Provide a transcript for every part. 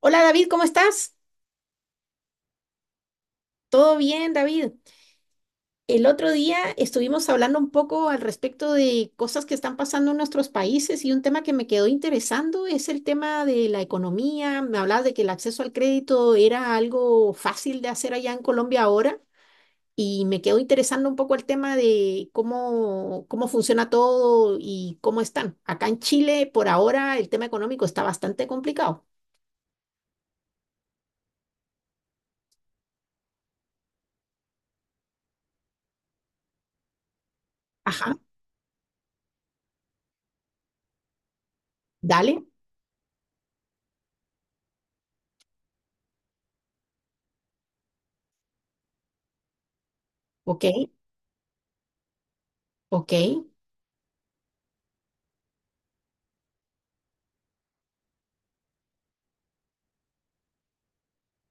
Hola David, ¿cómo estás? ¿Todo bien, David? El otro día estuvimos hablando un poco al respecto de cosas que están pasando en nuestros países y un tema que me quedó interesando es el tema de la economía. Me hablabas de que el acceso al crédito era algo fácil de hacer allá en Colombia ahora y me quedó interesando un poco el tema de cómo funciona todo y cómo están. Acá en Chile, por ahora, el tema económico está bastante complicado. Ajá, dale, ok, ok,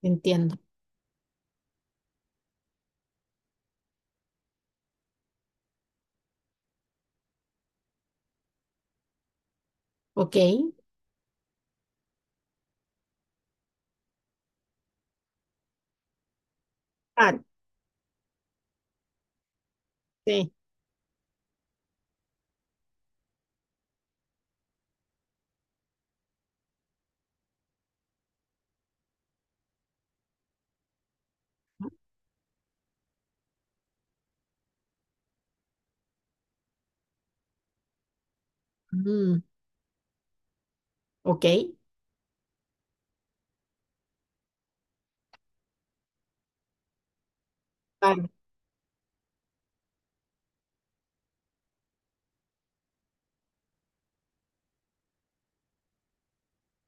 entiendo, ok. Ah, sí. Mm, ok, vale,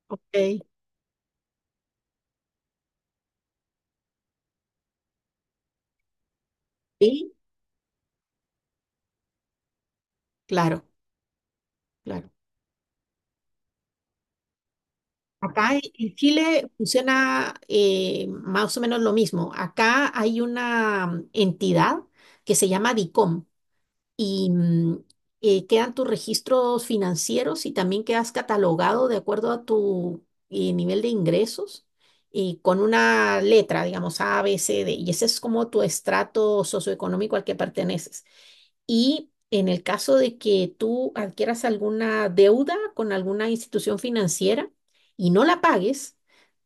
ok. Sí, claro, claro. Acá en Chile funciona más o menos lo mismo. Acá hay una entidad que se llama DICOM y quedan tus registros financieros y también quedas catalogado de acuerdo a tu nivel de ingresos y con una letra, digamos A, B, C, D. Y ese es como tu estrato socioeconómico al que perteneces. Y en el caso de que tú adquieras alguna deuda con alguna institución financiera y no la pagues,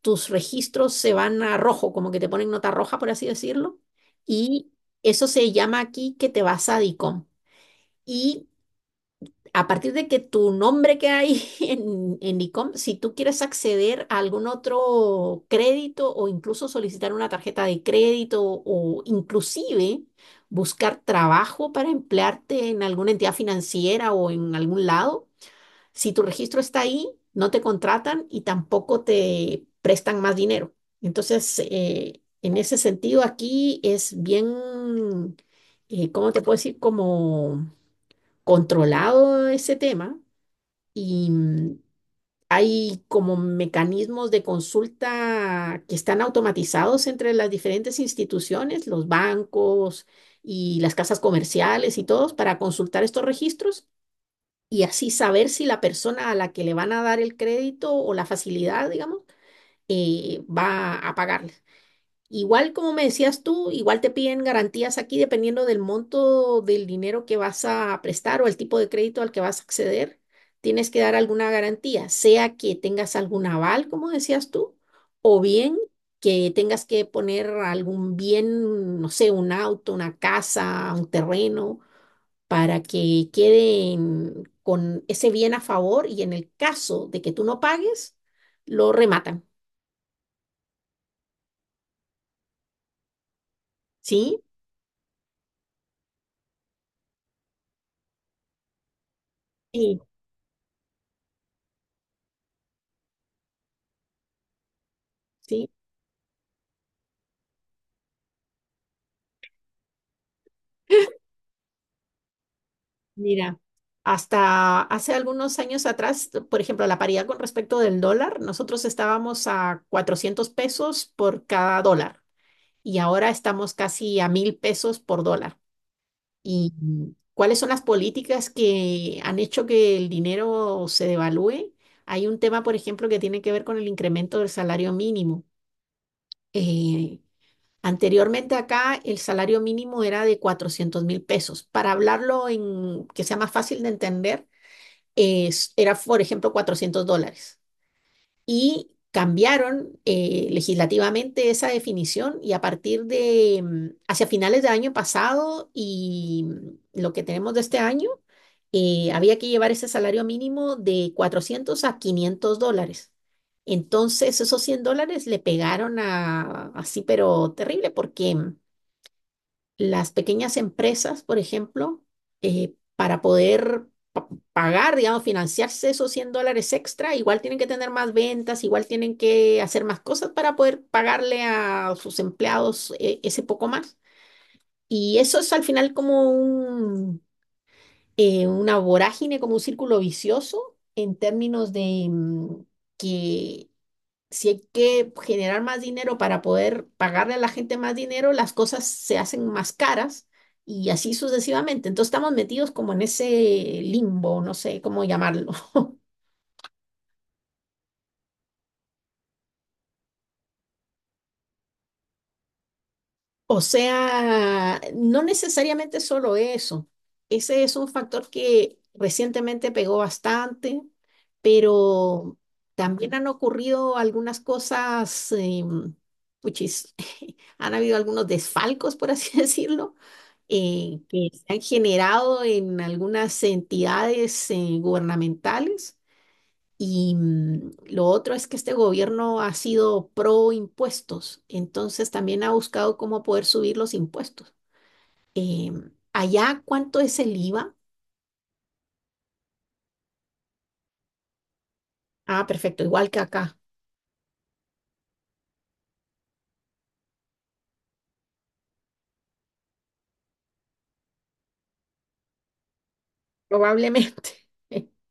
tus registros se van a rojo, como que te ponen nota roja, por así decirlo. Y eso se llama aquí que te vas a DICOM. Y a partir de que tu nombre que hay en ICOM, si tú quieres acceder a algún otro crédito o incluso solicitar una tarjeta de crédito o inclusive buscar trabajo para emplearte en alguna entidad financiera o en algún lado, si tu registro está ahí, no te contratan y tampoco te prestan más dinero. Entonces, en ese sentido, aquí es bien, ¿cómo te puedo decir? Como controlado ese tema y hay como mecanismos de consulta que están automatizados entre las diferentes instituciones, los bancos y las casas comerciales y todos para consultar estos registros y así saber si la persona a la que le van a dar el crédito o la facilidad, digamos, va a pagarles. Igual como me decías tú, igual te piden garantías aquí dependiendo del monto del dinero que vas a prestar o el tipo de crédito al que vas a acceder. Tienes que dar alguna garantía, sea que tengas algún aval, como decías tú, o bien que tengas que poner algún bien, no sé, un auto, una casa, un terreno, para que queden con ese bien a favor y en el caso de que tú no pagues, lo rematan. ¿Sí? Sí, sí. Mira, hasta hace algunos años atrás, por ejemplo, la paridad con respecto del dólar, nosotros estábamos a 400 pesos por cada dólar y ahora estamos casi a 1.000 pesos por dólar. ¿Y cuáles son las políticas que han hecho que el dinero se devalúe? Hay un tema, por ejemplo, que tiene que ver con el incremento del salario mínimo. Eh, Anteriormente acá el salario mínimo era de 400.000 pesos. Para hablarlo en que sea más fácil de entender, era, por ejemplo, 400 dólares. Y cambiaron legislativamente esa definición y a partir de, hacia finales del año pasado y lo que tenemos de este año, había que llevar ese salario mínimo de 400 a 500 dólares. Entonces, esos 100 dólares le pegaron a, así, pero terrible, porque las pequeñas empresas, por ejemplo, para poder pagar, digamos, financiarse esos 100 dólares extra, igual tienen que tener más ventas, igual tienen que hacer más cosas para poder pagarle a sus empleados ese poco más. Y eso es al final como un, una vorágine, como un círculo vicioso en términos de que si hay que generar más dinero para poder pagarle a la gente más dinero, las cosas se hacen más caras y así sucesivamente. Entonces estamos metidos como en ese limbo, no sé cómo llamarlo. O sea, no necesariamente solo eso. Ese es un factor que recientemente pegó bastante, pero también han ocurrido algunas cosas, puchis, han habido algunos desfalcos, por así decirlo, que se han generado en algunas entidades, gubernamentales y lo otro es que este gobierno ha sido pro impuestos, entonces también ha buscado cómo poder subir los impuestos. Em, allá, ¿cuánto es el IVA? Ah, perfecto, igual que acá, probablemente.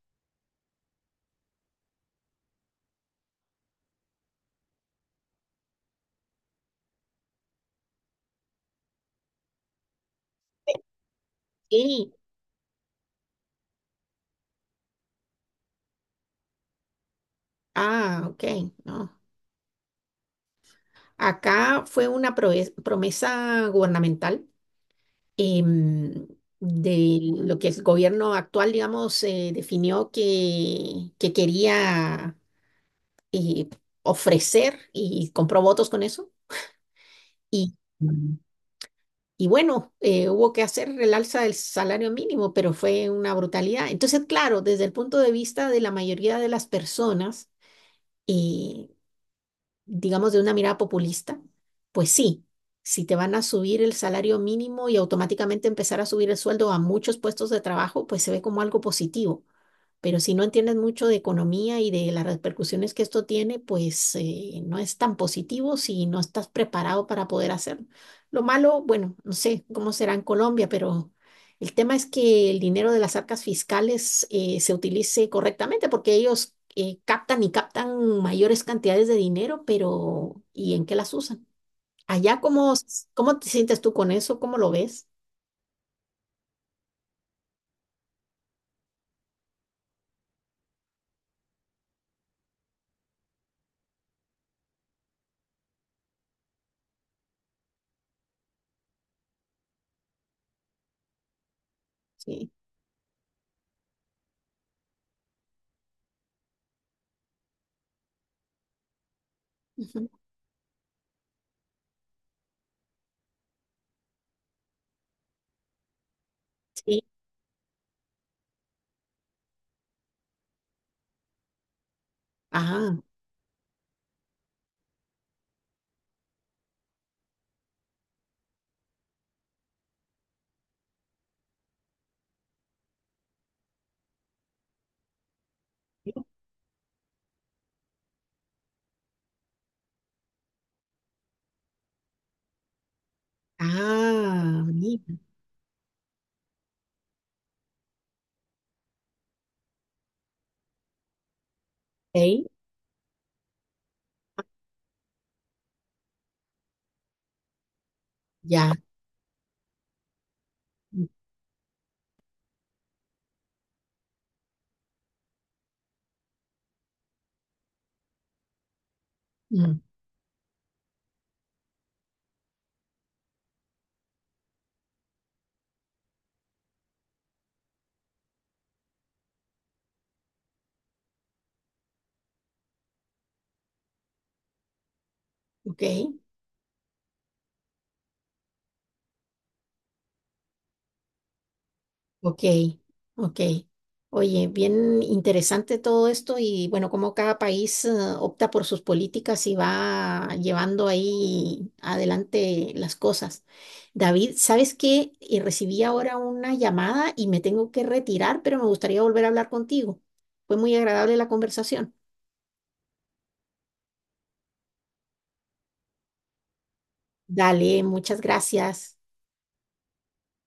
Sí. Ah, ok, no. Acá fue una promesa gubernamental em, de lo que el gobierno actual, digamos, definió que quería eh, ofrecer y compró votos con eso. Y, y bueno, hubo que hacer el alza del salario mínimo, pero fue una brutalidad. Entonces, claro, desde el punto de vista de la mayoría de las personas, y digamos de una mirada populista, pues sí, si te van a subir el salario mínimo y automáticamente empezar a subir el sueldo a muchos puestos de trabajo, pues se ve como algo positivo. Pero si no entiendes mucho de economía y de las repercusiones que esto tiene, pues no es tan positivo si no estás preparado para poder hacerlo. Lo malo, bueno, no sé cómo será en Colombia, pero el tema es que el dinero de las arcas fiscales se utilice correctamente porque ellos captan y captan mayores cantidades de dinero, pero ¿y en qué las usan? Allá, ¿cómo, cómo te sientes tú con eso? ¿Cómo lo ves? Sí. Ujú. Sí. Ah, ah, mira. Ok. Ya. Mm, mm. Ok, ok, ok. Oye, bien interesante todo esto y bueno, como cada país opta por sus políticas y va llevando ahí adelante las cosas. David, ¿sabes qué? Recibí ahora una llamada y me tengo que retirar, pero me gustaría volver a hablar contigo. Fue muy agradable la conversación. Dale, muchas gracias.